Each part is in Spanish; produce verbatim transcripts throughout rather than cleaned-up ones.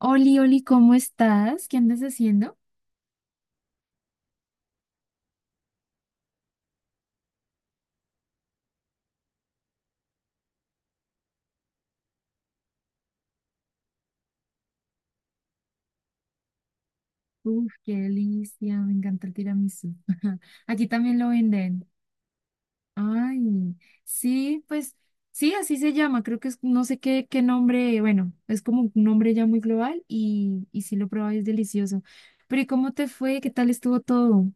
Oli, Oli, ¿cómo estás? ¿Qué andas haciendo? Uf, qué delicia, me encanta el tiramisú. Aquí también lo venden. Ay, sí, pues sí, así se llama. Creo que es, no sé qué, qué nombre, bueno, es como un nombre ya muy global y, y sí lo probé, es delicioso. Pero ¿y cómo te fue? ¿Qué tal estuvo todo?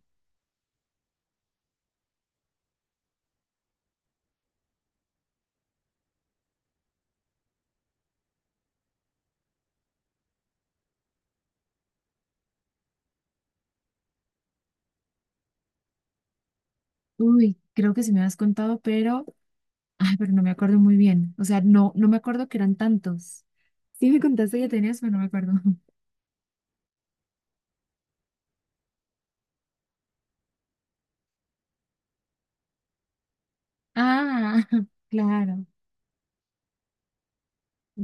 Uy, creo que sí me has contado, pero, ay, pero no me acuerdo muy bien. O sea, no, no me acuerdo que eran tantos. Sí me contaste que tenías, pero no me acuerdo. Ah, claro.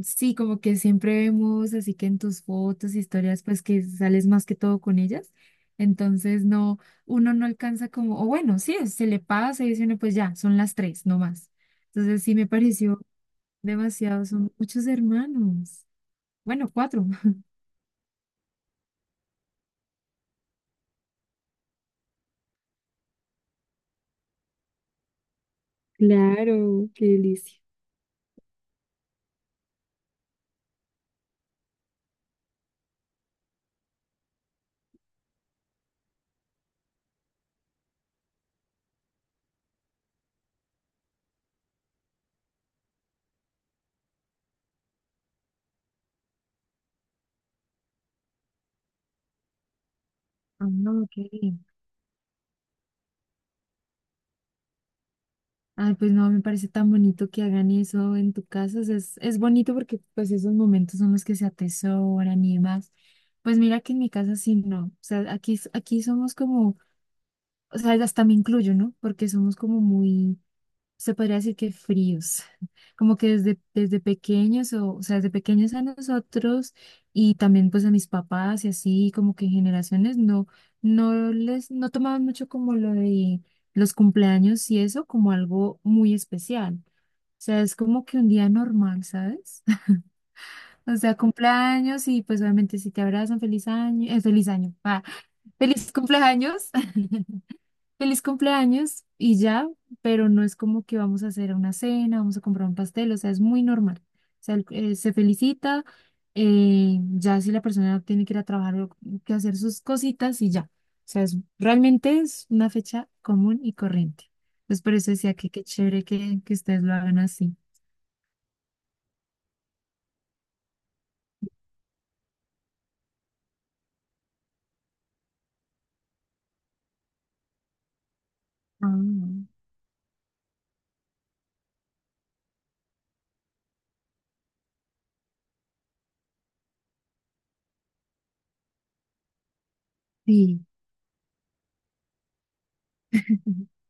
Sí, como que siempre vemos, así que en tus fotos, historias, pues que sales más que todo con ellas. Entonces, no, uno no alcanza como, o bueno, sí, se le pasa y dice uno, pues ya, son las tres, no más. Entonces, sí me pareció demasiado, son muchos hermanos. Bueno, cuatro. Claro, qué delicia. Ah, no, ok. Ay, pues no, me parece tan bonito que hagan eso en tu casa. O sea, es, es bonito porque pues esos momentos son los que se atesoran y demás. Pues mira que en mi casa sí no. O sea, aquí, aquí somos como, o sea, hasta me incluyo, ¿no? Porque somos como muy se podría decir que fríos, como que desde, desde pequeños, o, o sea, desde pequeños a nosotros y también pues a mis papás y así, como que generaciones no, no les, no tomaban mucho como lo de los cumpleaños y eso como algo muy especial. O sea, es como que un día normal, ¿sabes? O sea, cumpleaños y pues obviamente si te abrazan, feliz año, eh, feliz año, ah, feliz cumpleaños. Feliz cumpleaños y ya, pero no es como que vamos a hacer una cena, vamos a comprar un pastel, o sea, es muy normal. O sea, el- eh, se felicita, eh, ya si la persona tiene que ir a trabajar o que hacer sus cositas y ya. O sea, es, realmente es una fecha común y corriente. Entonces, por eso decía que qué chévere que, que ustedes lo hagan así. Ah, sí.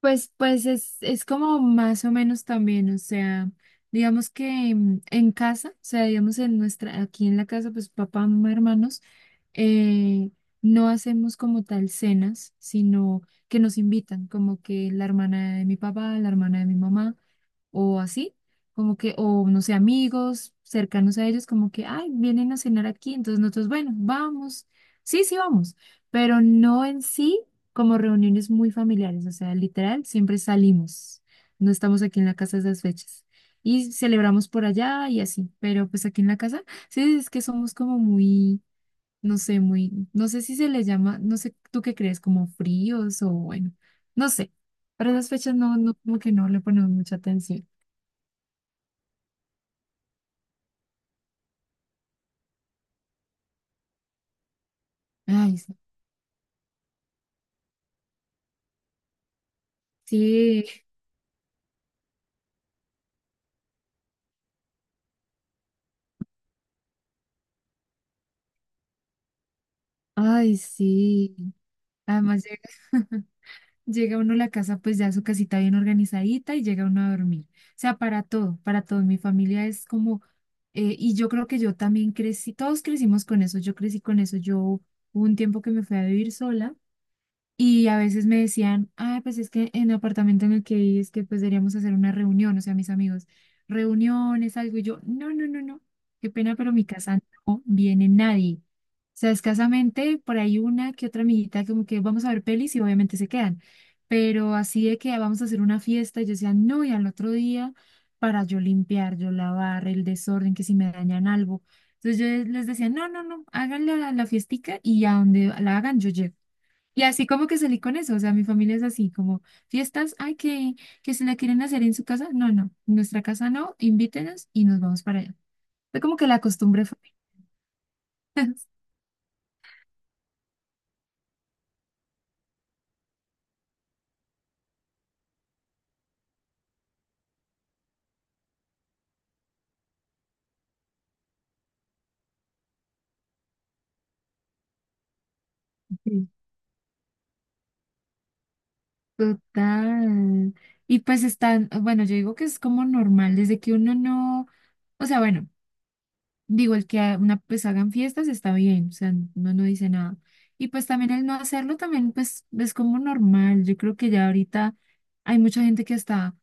Pues, pues es, es como más o menos también, o sea, digamos que en, en casa, o sea, digamos en nuestra, aquí en la casa, pues papá, mamá, hermanos, eh, no hacemos como tal cenas, sino que nos invitan, como que la hermana de mi papá, la hermana de mi mamá o así, como que, o no sé, amigos cercanos a ellos, como que, ay, vienen a cenar aquí, entonces nosotros, bueno, vamos, sí, sí, vamos, pero no en sí como reuniones muy familiares, o sea, literal, siempre salimos, no estamos aquí en la casa esas fechas. Y celebramos por allá y así, pero pues aquí en la casa, sí, es que somos como muy, no sé, muy, no sé si se les llama, no sé, ¿tú qué crees? Como fríos o bueno, no sé, para esas fechas no, no, como que no le ponemos mucha atención. Ay, sí, ay, sí. Además llega, llega uno a la casa, pues ya su casita bien organizadita y llega uno a dormir. O sea, para todo, para todo. Mi familia es como, eh, y yo creo que yo también crecí, todos crecimos con eso, yo crecí con eso. Yo hubo un tiempo que me fui a vivir sola. Y a veces me decían, ay, pues es que en el apartamento en el que viví es que pues deberíamos hacer una reunión, o sea, mis amigos, reuniones, algo. Y yo, no, no, no, no, qué pena, pero mi casa no viene nadie. O sea, escasamente por ahí una que otra amiguita como que vamos a ver pelis y obviamente se quedan. Pero así de que "Ah, vamos a hacer una fiesta", yo decía, no, y al otro día para yo limpiar, yo lavar, el desorden, que si me dañan algo. Entonces yo les decía, no, no, no, háganle la, la fiestica y a donde la hagan yo llego. Y así como que salí con eso, o sea, mi familia es así, como fiestas, ay, que, que se la quieren hacer en su casa, no, no, en nuestra casa no, invítenos y nos vamos para allá. Fue como que la costumbre fue. Sí. Total. Y pues están, bueno, yo digo que es como normal, desde que uno no, o sea, bueno, digo, el que a- una, pues hagan fiestas está bien, o sea, uno no dice nada. Y pues también el no hacerlo también, pues es como normal. Yo creo que ya ahorita hay mucha gente que está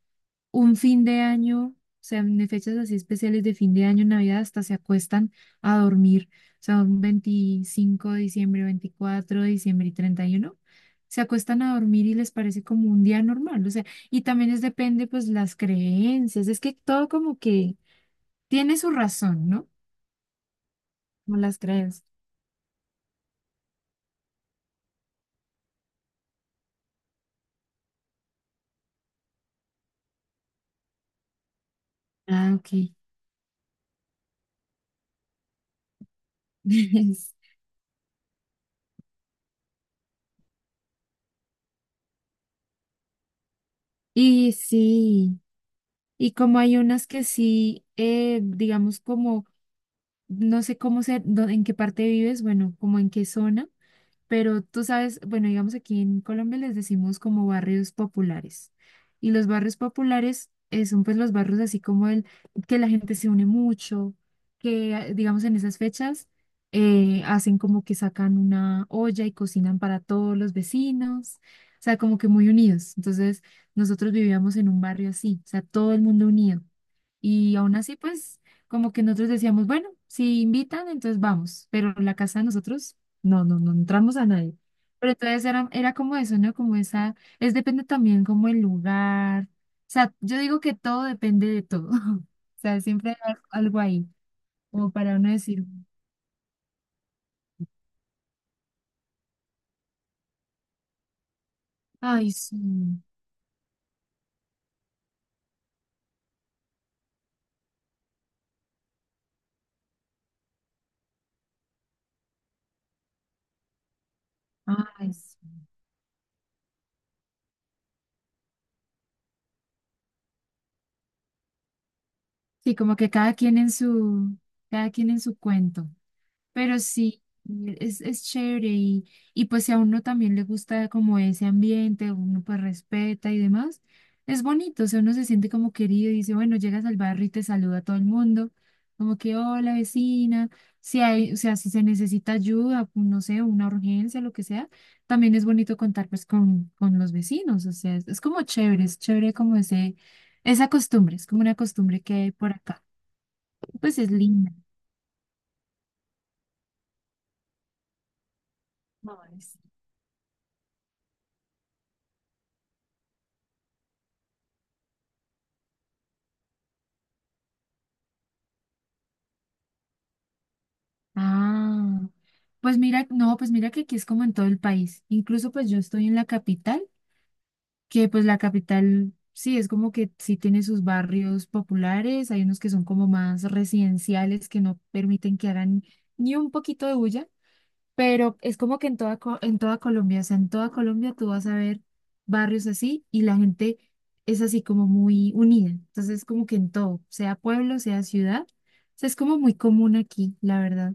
un fin de año, o sea, en fechas así especiales de fin de año, Navidad, hasta se acuestan a dormir. O sea, un veinticinco de diciembre, veinticuatro de diciembre y treinta y uno, se acuestan a dormir y les parece como un día normal. O sea, y también es depende, pues, las creencias. Es que todo como que tiene su razón, ¿no? Como las creencias. Ah, ok. Y sí, y como hay unas que sí, eh, digamos como no sé cómo ser, en qué parte vives, bueno, como en qué zona, pero tú sabes, bueno, digamos aquí en Colombia les decimos como barrios populares. Y los barrios populares eh, son pues los barrios así como el que la gente se une mucho, que ah, digamos en esas fechas eh, hacen como que sacan una olla y cocinan para todos los vecinos, o sea, como que muy unidos. Entonces, nosotros vivíamos en un barrio así, o sea, todo el mundo unido y aún así, pues, como que nosotros decíamos, bueno, si invitan, entonces vamos, pero la casa de nosotros, no, no, no entramos a nadie. Pero entonces era, era como eso, ¿no? Como esa, es depende también como el lugar. O sea, yo digo que todo depende de todo. O sea, siempre hay al- algo ahí, como para uno decir, ay, sí, ay, sí. Sí, como que cada quien en su, cada quien en su cuento. Pero sí, es, es chévere y, y pues si a uno también le gusta como ese ambiente, uno pues respeta y demás, es bonito, o sea, uno se siente como querido y dice, bueno, llegas al barrio y te saluda a todo el mundo, como que hola vecina, si hay, o sea, si se necesita ayuda, pues, no sé, una urgencia, lo que sea, también es bonito contar pues con, con los vecinos, o sea, es, es como chévere, es chévere como ese, esa costumbre, es como una costumbre que hay por acá, pues es linda. Ay, sí. Ah, pues mira, no, pues mira que aquí es como en todo el país. Incluso pues yo estoy en la capital, que pues la capital sí es como que sí tiene sus barrios populares, hay unos que son como más residenciales que no permiten que hagan ni un poquito de bulla, pero es como que en toda, Co- en toda Colombia, o sea, en toda Colombia tú vas a ver barrios así y la gente es así como muy unida. Entonces como que en todo, sea pueblo, sea ciudad, o sea, es como muy común aquí, la verdad.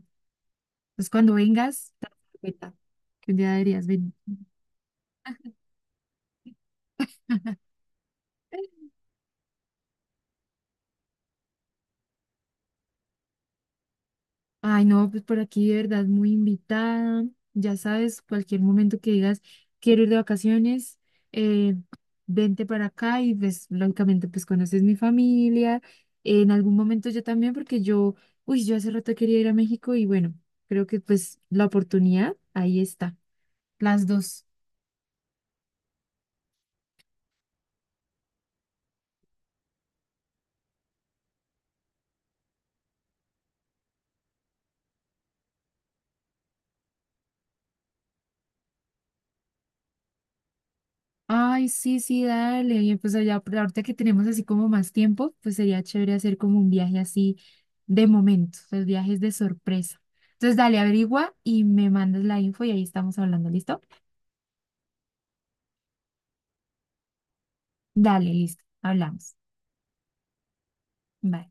Entonces, cuando vengas, te das cuenta que un día deberías venir. Ay, no, pues por aquí de verdad muy invitada. Ya sabes, cualquier momento que digas, quiero ir de vacaciones, eh, vente para acá y pues lógicamente pues conoces mi familia. En algún momento yo también, porque yo, uy, yo hace rato quería ir a México y bueno, creo que pues la oportunidad ahí está, las dos. Ay, sí, sí, dale. Y pues allá, por ahorita que tenemos así como más tiempo, pues sería chévere hacer como un viaje así de momento, los viajes de sorpresa. Entonces, dale, averigua y me mandas la info y ahí estamos hablando, ¿listo? Dale, listo, hablamos. Bye.